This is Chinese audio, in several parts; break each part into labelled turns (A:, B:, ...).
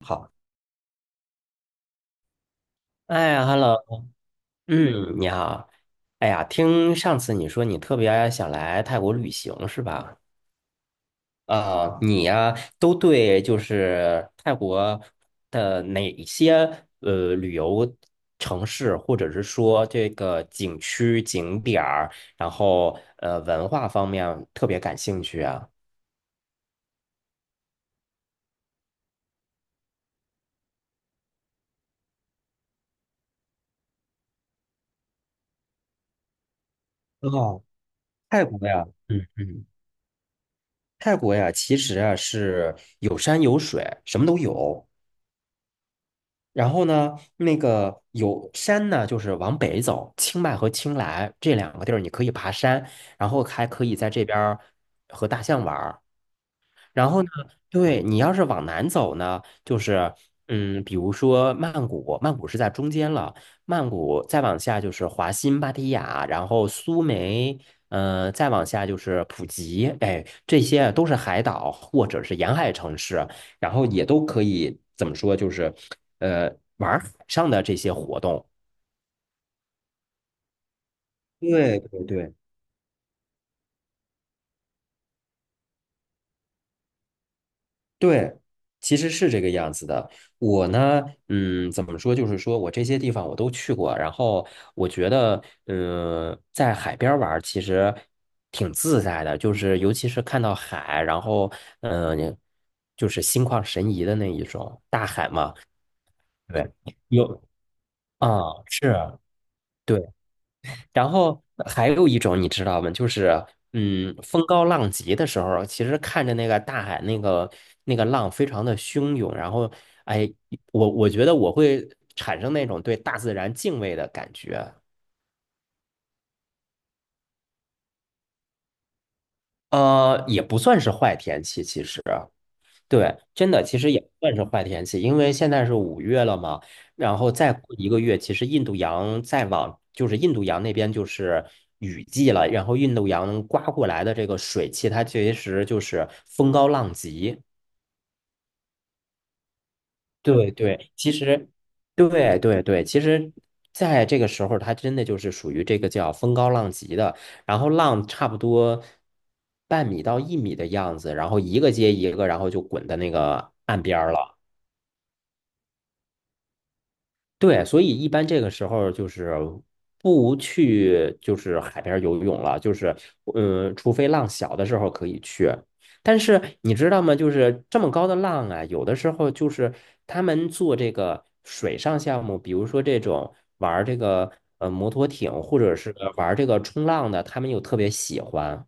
A: 好，哎，Hello，嗯，你好。哎呀，听上次你说你特别想来泰国旅行是吧？啊、你呀、都对就是泰国的哪些旅游城市，或者是说这个景区景点儿，然后文化方面特别感兴趣啊？哦，泰国呀，嗯嗯，泰国呀，其实啊是有山有水，什么都有。然后呢，那个有山呢，就是往北走，清迈和清莱这两个地儿，你可以爬山，然后还可以在这边儿和大象玩儿。然后呢，对你要是往南走呢，就是比如说曼谷，曼谷是在中间了，曼谷再往下就是华欣、芭堤雅，然后苏梅，再往下就是普吉，哎，这些都是海岛或者是沿海城市，然后也都可以怎么说，就是呃玩儿海上的这些活动。对对对，对，其实是这个样子的。我呢，怎么说，就是说我这些地方我都去过，然后我觉得，在海边儿玩儿其实挺自在的，就是尤其是看到海，然后，嗯、就是心旷神怡的那一种，大海嘛，对，有啊，是啊。对。然后还有一种你知道吗？就是风高浪急的时候，其实看着那个大海那个浪非常的汹涌，然后哎，我觉得我会产生那种对大自然敬畏的感觉。也不算是坏天气，其实。对，真的，其实也不算是坏天气，因为现在是5月了嘛，然后再过一个月，其实印度洋再往就是印度洋那边就是雨季了，然后印度洋刮过来的这个水汽，它其实就是风高浪急。对对，其实，对对对，其实在这个时候，它真的就是属于这个叫风高浪急的，然后浪差不多半米到1米的样子，然后一个接一个，然后就滚到那个岸边儿了。对，所以一般这个时候就是不去，就是海边游泳了，就是除非浪小的时候可以去。但是你知道吗？就是这么高的浪啊，有的时候就是他们做这个水上项目，比如说这种玩儿这个摩托艇，或者是玩儿这个冲浪的，他们又特别喜欢。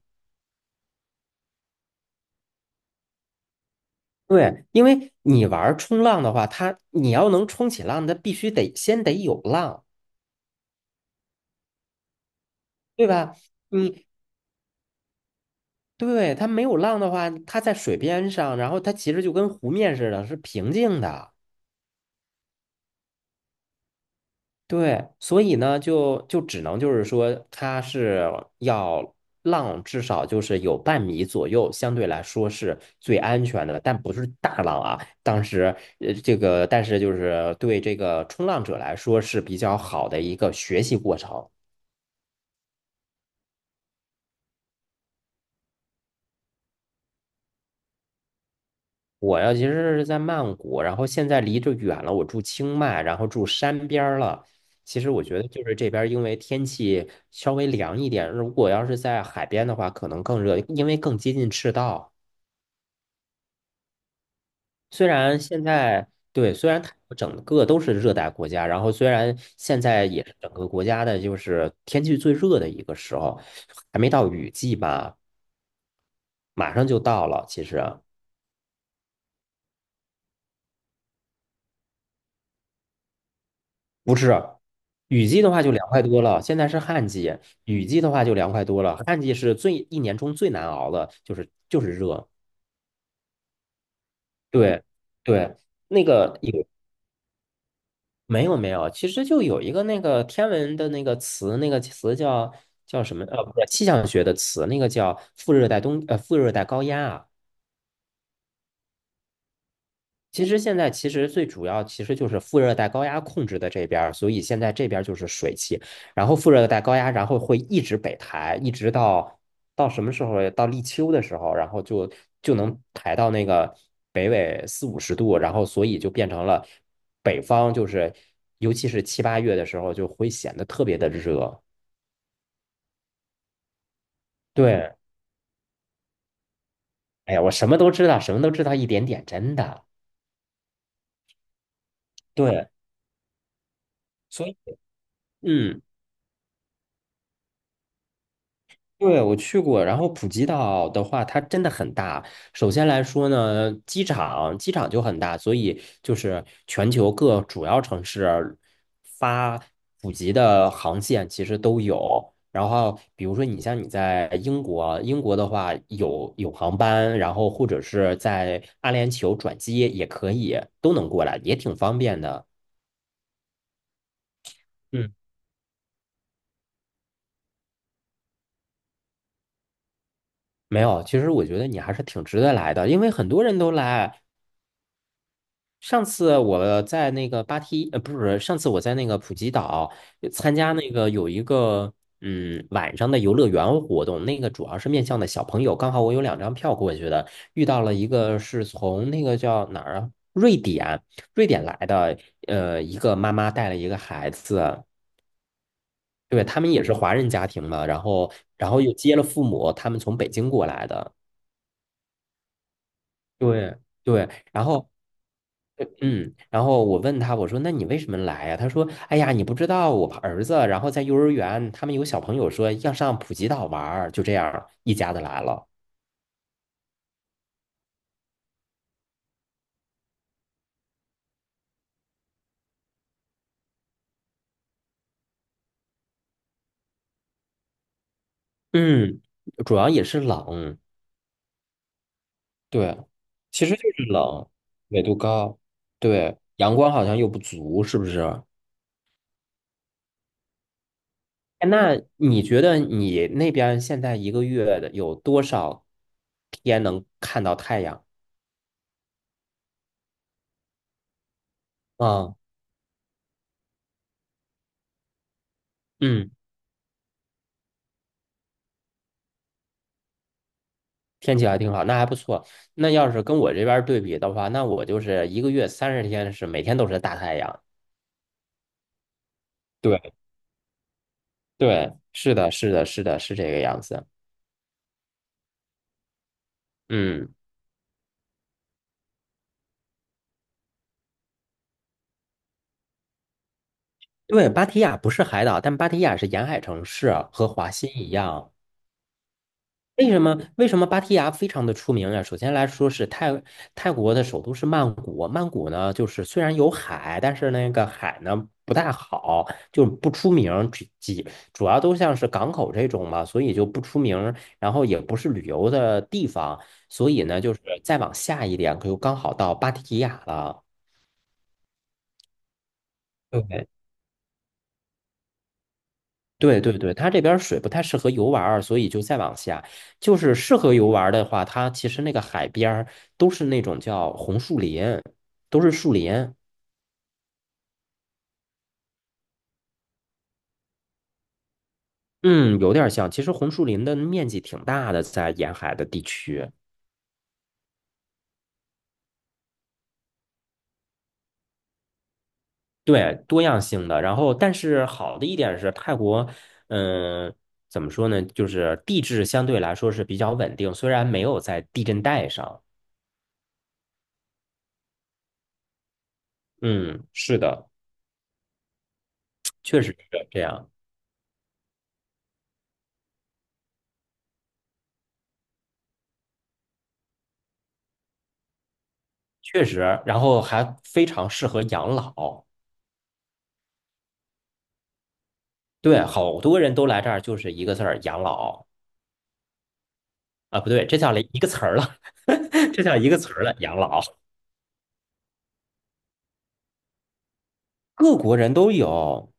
A: 对，因为你玩儿冲浪的话，它你要能冲起浪，它必须得先得有浪。对吧？你对，它没有浪的话，它在水边上，然后它其实就跟湖面似的，是平静的。对，所以呢，就只能就是说，它是要浪至少就是有半米左右，相对来说是最安全的，但不是大浪啊。当时这个但是就是对这个冲浪者来说是比较好的一个学习过程。我呀，其实是在曼谷，然后现在离着远了，我住清迈，然后住山边儿了。其实我觉得就是这边儿因为天气稍微凉一点，如果要是在海边的话，可能更热，因为更接近赤道。虽然现在对，虽然它整个都是热带国家，然后虽然现在也是整个国家的就是天气最热的一个时候，还没到雨季吧，马上就到了，其实。是，雨季的话就凉快多了。现在是旱季，雨季的话就凉快多了。旱季是一年中最难熬的，就是热。对对，那个有没有没有？其实就有一个那个天文的那个词，那个词叫什么？不是气象学的词，那个叫副热带高压啊。其实现在其实最主要其实就是副热带高压控制的这边所以现在这边就是水汽，然后副热带高压，然后会一直北抬，一直到什么时候？到立秋的时候，然后就能抬到那个北纬四五十度，然后所以就变成了北方就是，尤其是七八月的时候就会显得特别的热。对，哎呀，我什么都知道，什么都知道一点点，真的。对，所以嗯。对，我去过，然后普吉岛的话，它真的很大。首先来说呢，机场就很大，所以就是全球各主要城市发普吉的航线其实都有。然后，比如说你像你在英国，英国的话有航班，然后或者是在阿联酋转机也可以，都能过来，也挺方便的。嗯，没有，其实我觉得你还是挺值得来的，因为很多人都来。上次我在那个芭提，不是，上次我在那个普吉岛参加那个有一个晚上的游乐园活动，那个主要是面向的小朋友，刚好我有两张票过去的，遇到了一个是从那个叫哪儿啊，瑞典，瑞典来的，一个妈妈带了一个孩子，对，他们也是华人家庭嘛，然后又接了父母，他们从北京过来的，对。对，然后嗯，然后我问他，我说：“那你为什么来呀？”他说：“哎呀，你不知道，我儿子，然后在幼儿园，他们有小朋友说要上普吉岛玩儿，就这样一家子来了。嗯，主要也是冷，对，其实就是冷，纬度高，对，阳光好像又不足，是不是？哎那你觉得你那边儿现在一个月的有多少天能看到太阳？啊，嗯。天气还挺好，那还不错。那要是跟我这边儿对比的话，那我就是一个月30天是每天都是大太阳。对对，是的，是的，是的，是这个样子。嗯，对，芭提雅不是海岛，但芭提雅是沿海城市啊，和华欣一样。为什么芭提雅非常的出名呀？首先来说是泰国的首都是曼谷，曼谷呢就是虽然有海，但是那个海呢不太好，就不出名，只几主要都像是港口这种嘛，所以就不出名，然后也不是旅游的地方，所以呢就是再往下一点，可就刚好到芭提雅了。对对对，它这边儿水不太适合游玩儿，所以就再往下。就是适合游玩儿的话，它其实那个海边儿都是那种叫红树林，都是树林。嗯，有点儿像。其实红树林的面积挺大的，在沿海的地区，对，多样性的。然后，但是好的一点是泰国，嗯、怎么说呢？就是地质相对来说是比较稳定，虽然没有在地震带上。嗯，是的，确实是这样。确实，然后还非常适合养老。对，好多人都来这儿就是一个字儿养老啊，不对，这叫了一个词儿了，这叫一个词儿了，养老。各国人都有，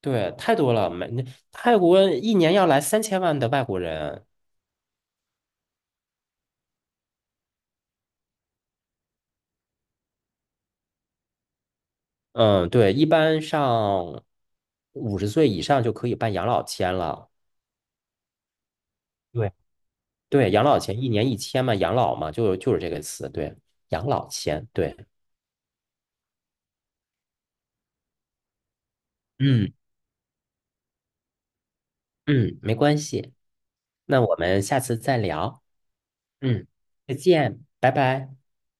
A: 对，太多了。泰国一年要来3000万的外国人，嗯，对，一般上50岁以上就可以办养老签了。对对，养老签一年1000嘛，养老嘛，就是这个词，对，养老签，对，嗯嗯，没关系。那我们下次再聊。嗯，再见，拜拜。